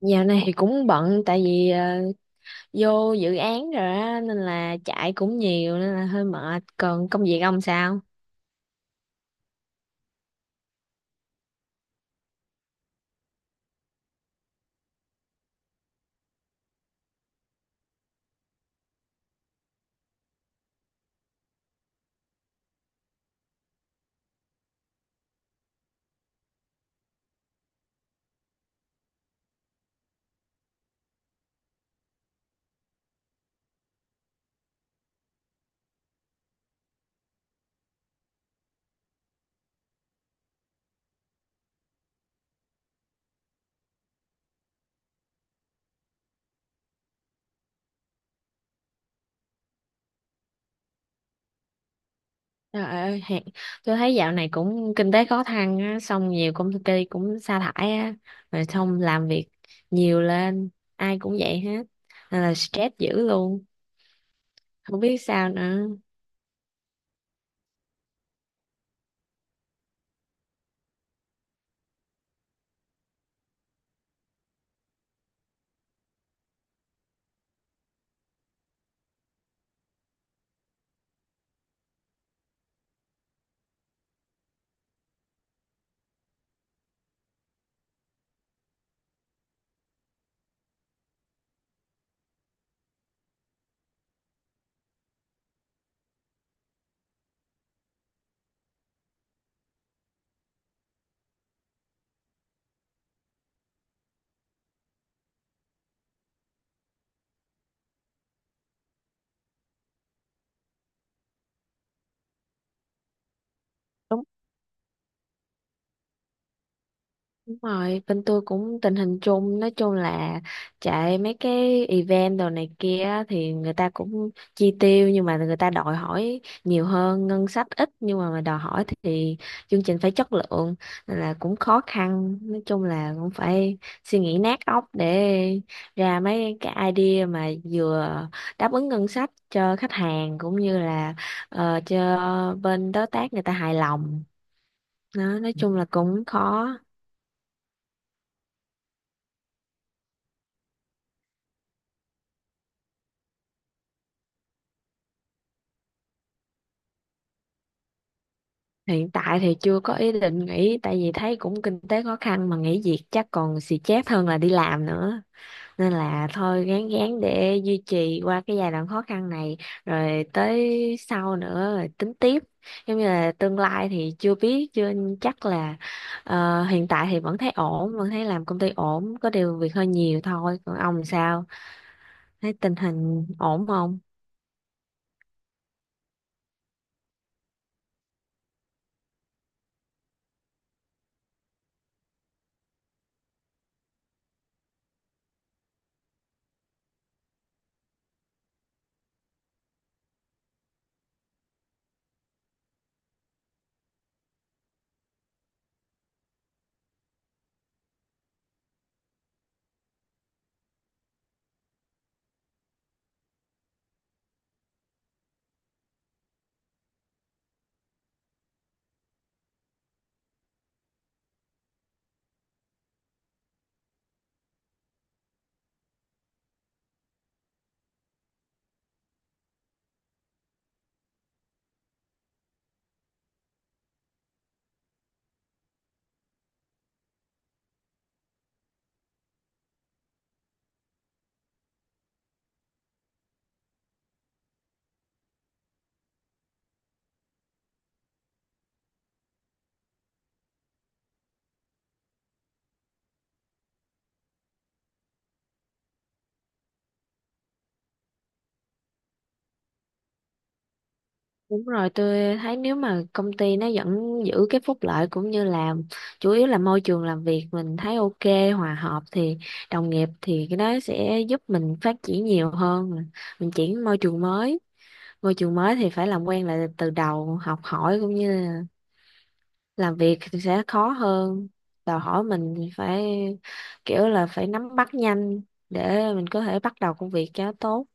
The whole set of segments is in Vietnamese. Dạo này thì cũng bận tại vì vô dự án rồi á nên là chạy cũng nhiều nên là hơi mệt. Còn công việc ông sao? Trời ơi, tôi thấy dạo này cũng kinh tế khó khăn á, xong nhiều công ty cũng sa thải á, rồi xong làm việc nhiều lên, ai cũng vậy hết. Nên là stress dữ luôn, không biết sao nữa. Đúng rồi, bên tôi cũng tình hình chung, nói chung là chạy mấy cái event đồ này kia á, thì người ta cũng chi tiêu nhưng mà người ta đòi hỏi nhiều hơn, ngân sách ít nhưng mà đòi hỏi thì chương trình phải chất lượng, nên là cũng khó khăn. Nói chung là cũng phải suy nghĩ nát óc để ra mấy cái idea mà vừa đáp ứng ngân sách cho khách hàng cũng như là cho bên đối tác người ta hài lòng. Đó, nói chung là cũng khó. Hiện tại thì chưa có ý định nghỉ tại vì thấy cũng kinh tế khó khăn mà nghỉ việc chắc còn xì chét hơn là đi làm nữa. Nên là thôi gán gán để duy trì qua cái giai đoạn khó khăn này rồi tới sau nữa rồi tính tiếp. Giống như là tương lai thì chưa biết, chưa chắc là hiện tại thì vẫn thấy ổn, vẫn thấy làm công ty ổn, có điều việc hơi nhiều thôi. Còn ông sao? Thấy tình hình ổn không? Đúng rồi, tôi thấy nếu mà công ty nó vẫn giữ cái phúc lợi cũng như là chủ yếu là môi trường làm việc mình thấy ok, hòa hợp thì đồng nghiệp thì cái đó sẽ giúp mình phát triển nhiều hơn. Mình chuyển môi trường mới thì phải làm quen lại từ đầu, học hỏi cũng như là làm việc thì sẽ khó hơn. Đòi hỏi mình thì phải kiểu là phải nắm bắt nhanh để mình có thể bắt đầu công việc cho tốt.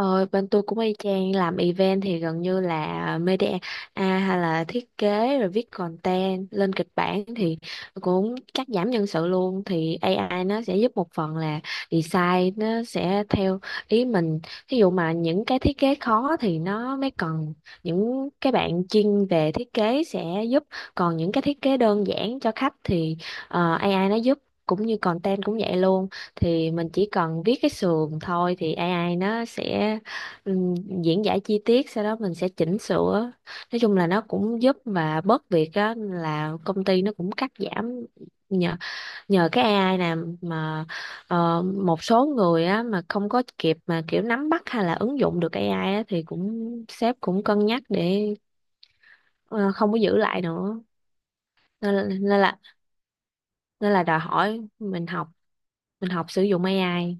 Ờ, bên tôi cũng y chang, làm event thì gần như là media à, hay là thiết kế rồi viết content lên kịch bản thì cũng cắt giảm nhân sự luôn. Thì AI nó sẽ giúp một phần là design nó sẽ theo ý mình, ví dụ mà những cái thiết kế khó thì nó mới cần những cái bạn chuyên về thiết kế sẽ giúp, còn những cái thiết kế đơn giản cho khách thì AI nó giúp. Cũng như content cũng vậy luôn, thì mình chỉ cần viết cái sườn thôi thì AI nó sẽ ừm, diễn giải chi tiết, sau đó mình sẽ chỉnh sửa. Nói chung là nó cũng giúp và bớt việc đó, là công ty nó cũng cắt giảm nhờ nhờ cái AI nè mà. Một số người á mà không có kịp mà kiểu nắm bắt hay là ứng dụng được AI á, thì cũng sếp cũng cân nhắc để ờ, không có giữ lại nữa. Nên là nên là đòi hỏi mình học, mình học sử dụng AI.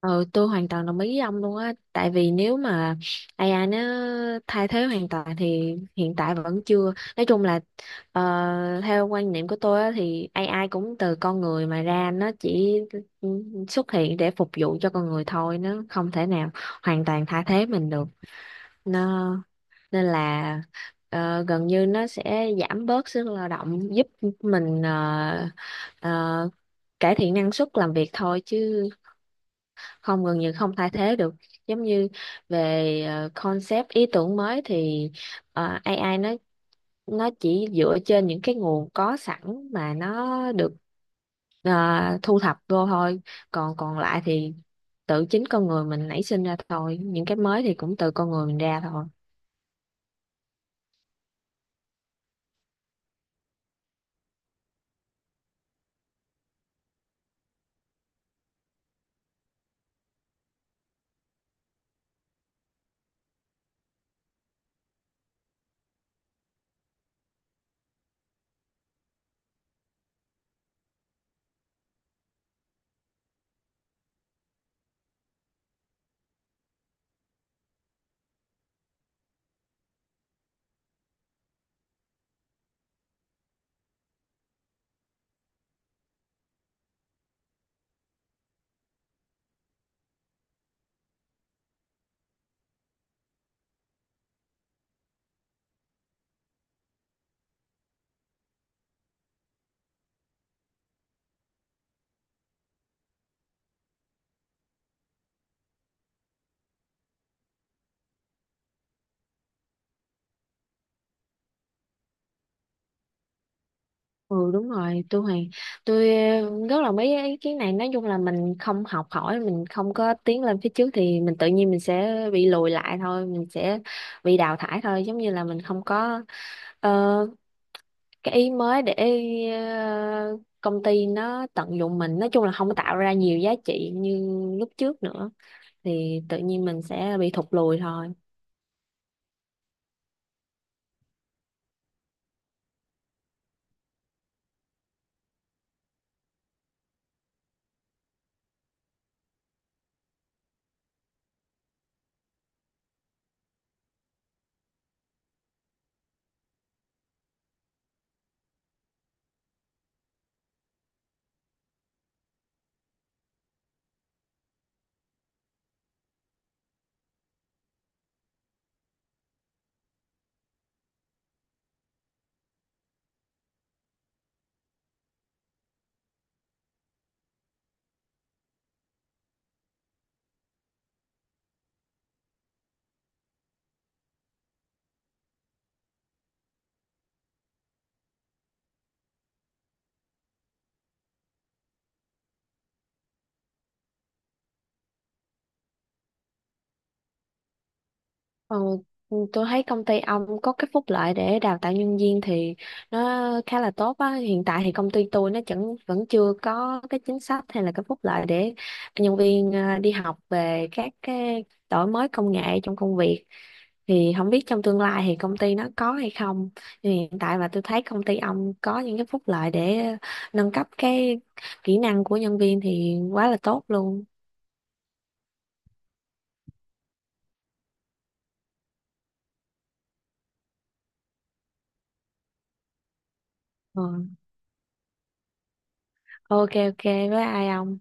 Ừ, tôi hoàn toàn đồng ý với ông luôn á, tại vì nếu mà AI nó thay thế hoàn toàn thì hiện tại vẫn chưa. Nói chung là theo quan niệm của tôi á, thì AI cũng từ con người mà ra, nó chỉ xuất hiện để phục vụ cho con người thôi, nó không thể nào hoàn toàn thay thế mình được. nó Nên là gần như nó sẽ giảm bớt sức lao động, giúp mình ờ, cải thiện năng suất làm việc thôi, chứ không, gần như không thay thế được. Giống như về concept ý tưởng mới thì AI nó chỉ dựa trên những cái nguồn có sẵn mà nó được ờ, thu thập vô thôi. Còn còn lại thì tự chính con người mình nảy sinh ra thôi, những cái mới thì cũng từ con người mình ra thôi. Ừ đúng rồi, tôi rất là mấy ý kiến này. Nói chung là mình không học hỏi, mình không có tiến lên phía trước thì mình tự nhiên mình sẽ bị lùi lại thôi, mình sẽ bị đào thải thôi. Giống như là mình không có ờ, cái ý mới để công ty nó tận dụng mình, nói chung là không có tạo ra nhiều giá trị như lúc trước nữa thì tự nhiên mình sẽ bị thụt lùi thôi. Ờ, tôi thấy công ty ông có cái phúc lợi để đào tạo nhân viên thì nó khá là tốt á. Hiện tại thì công ty tôi nó chẳng vẫn chưa có cái chính sách hay là cái phúc lợi để nhân viên à, đi học về các cái đổi mới công nghệ trong công việc. Thì không biết trong tương lai thì công ty nó có hay không. Thì hiện tại mà tôi thấy công ty ông có những cái phúc lợi để nâng cấp cái kỹ năng của nhân viên thì quá là tốt luôn. Ờ, ok ok với ai ông?